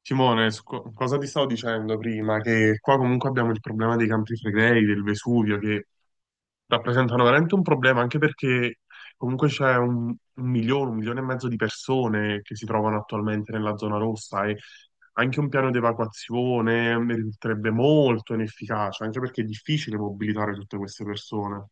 Simone, su cosa ti stavo dicendo prima? Che qua comunque abbiamo il problema dei Campi Flegrei, del Vesuvio, che rappresentano veramente un problema, anche perché comunque c'è un milione, un milione e mezzo di persone che si trovano attualmente nella zona rossa e anche un piano di evacuazione risulterebbe molto inefficace, anche perché è difficile mobilitare tutte queste persone.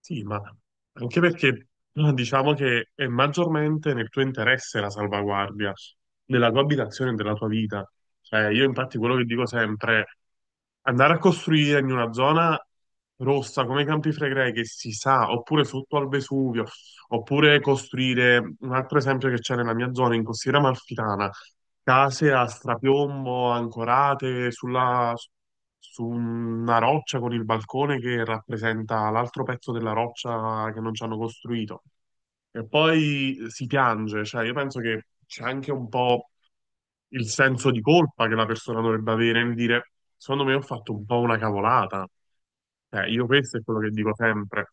Sì, ma anche perché diciamo che è maggiormente nel tuo interesse la salvaguardia della tua abitazione e della tua vita. Cioè, io infatti quello che dico sempre, andare a costruire in una zona rossa come i Campi Flegrei che si sa, oppure sotto al Vesuvio, oppure costruire, un altro esempio che c'è nella mia zona, in Costiera Amalfitana, case a strapiombo ancorate sulla, su una roccia con il balcone che rappresenta l'altro pezzo della roccia che non ci hanno costruito. E poi si piange, cioè io penso che c'è anche un po' il senso di colpa che la persona dovrebbe avere nel dire, secondo me ho fatto un po' una cavolata. Io questo è quello che dico sempre.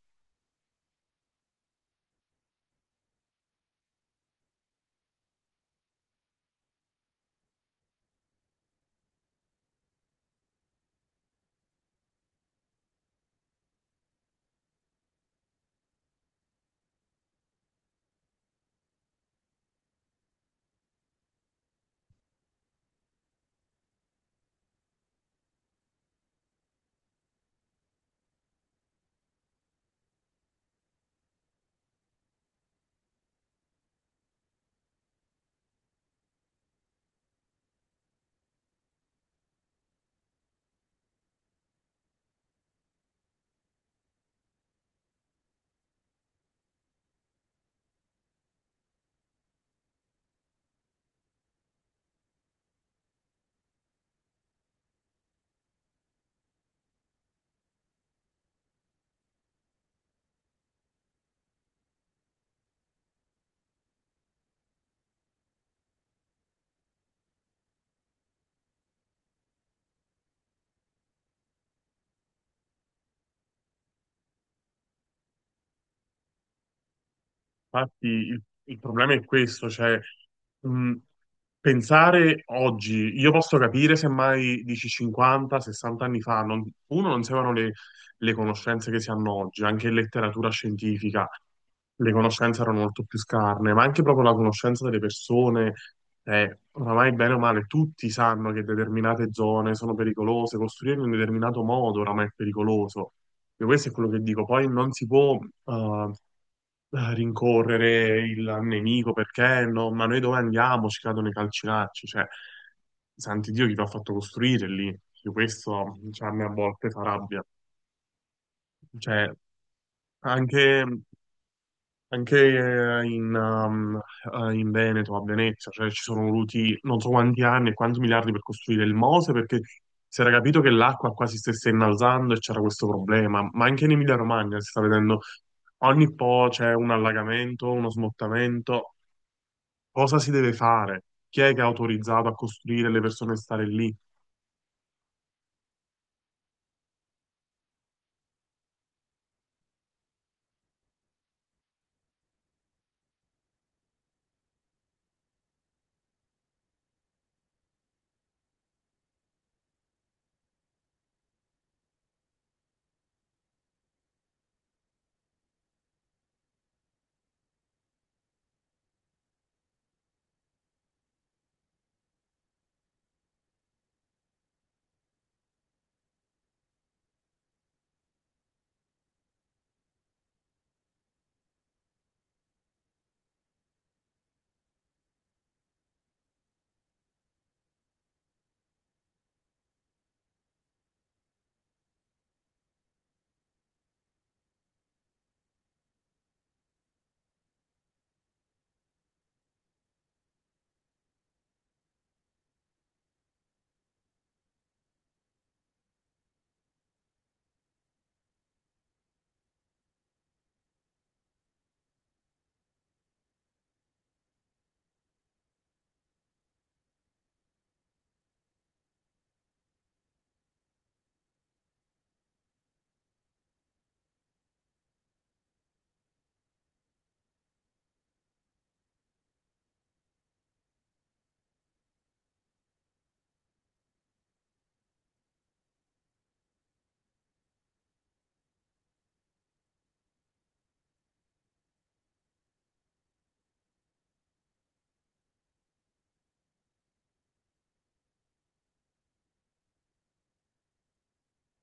Infatti, il problema è questo, cioè, mh, pensare oggi, io posso capire semmai dici 50, 60 anni fa, uno non si avevano le conoscenze che si hanno oggi, anche in letteratura scientifica. Le conoscenze erano molto più scarne, ma anche proprio la conoscenza delle persone, oramai bene o male, tutti sanno che determinate zone sono pericolose, costruire in un determinato modo oramai è pericoloso. Io questo è quello che dico, poi non si può rincorrere il nemico, perché no, ma noi dove andiamo? Ci cadono i calcinacci, cioè, santi Dio, chi ti ha fatto costruire lì? Io questo, cioè, a me a volte fa rabbia. Cioè, anche anche eh, in, um, eh, in Veneto, a Venezia, cioè ci sono voluti non so quanti anni e quanti miliardi per costruire il Mose, perché si era capito che l'acqua quasi stesse innalzando e c'era questo problema. Ma anche in Emilia-Romagna si sta vedendo ogni po' c'è un allagamento, uno smottamento. Cosa si deve fare? Chi è che ha autorizzato a costruire le persone a stare lì?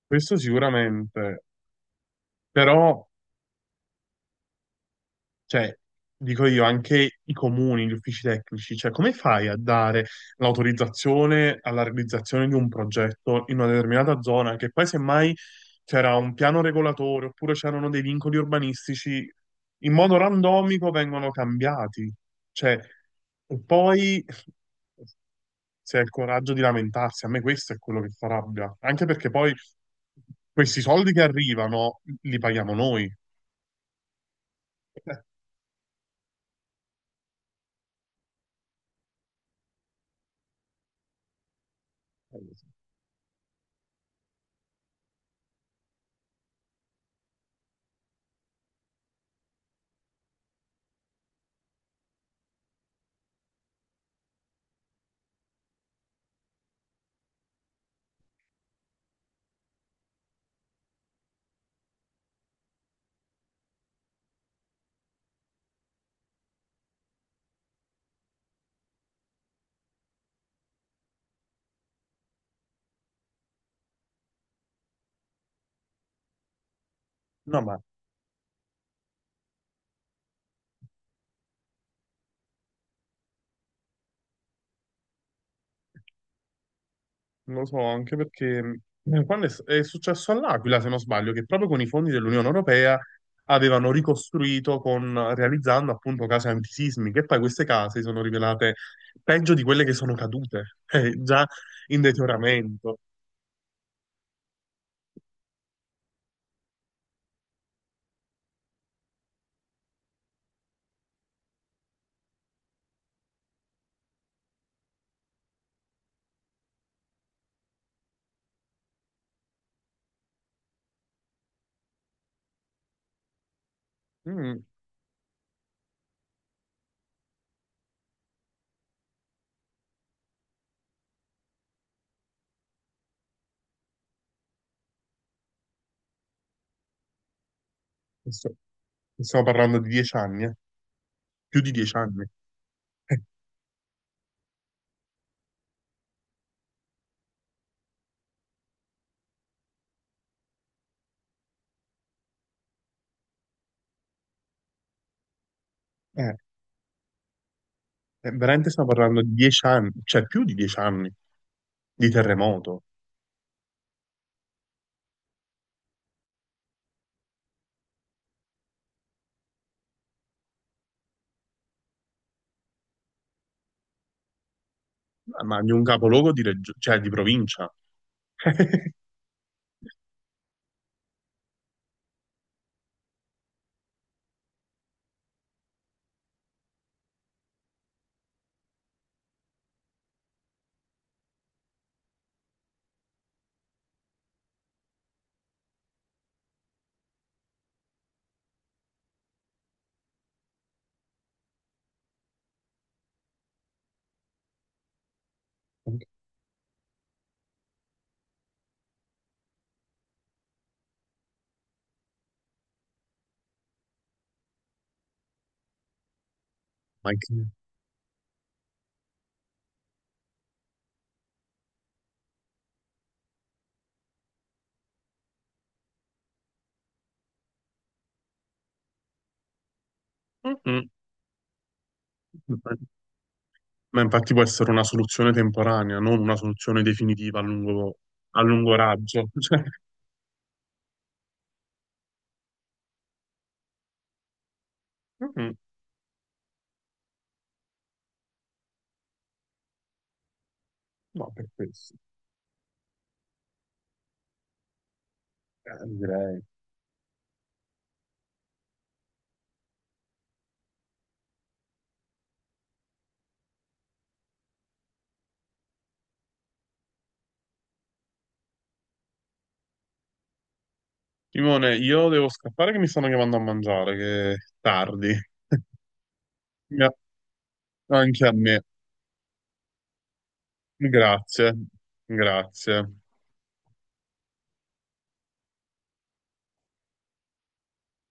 Questo sicuramente, però, cioè, dico io, anche i comuni, gli uffici tecnici, cioè, come fai a dare l'autorizzazione alla realizzazione di un progetto in una determinata zona, che poi semmai c'era un piano regolatore oppure c'erano dei vincoli urbanistici, in modo randomico vengono cambiati. Cioè, e poi se ha il coraggio di lamentarsi, a me questo è quello che fa rabbia, anche perché poi questi soldi che arrivano li paghiamo noi. No, ma non lo so, anche perché quando è successo all'Aquila, se non sbaglio, che proprio con i fondi dell'Unione Europea avevano ricostruito con, realizzando appunto case antisismiche, e poi queste case si sono rivelate peggio di quelle che sono cadute, già in deterioramento. Mm, questo- Stiamo parlando di 10 anni, più di 10 anni. Eh, eh, Veramente stiamo parlando di dieci anni, cioè più di 10 anni di terremoto, ma di un capoluogo di, cioè, di provincia. Ma che. Mm-mm. Ma infatti può essere una soluzione temporanea, non una soluzione definitiva a lungo raggio. Cioè, mm, no, per questo, direi. Simone, io devo scappare che mi stanno chiamando a mangiare, che è tardi. Ga- Anche a me. Grazie, grazie.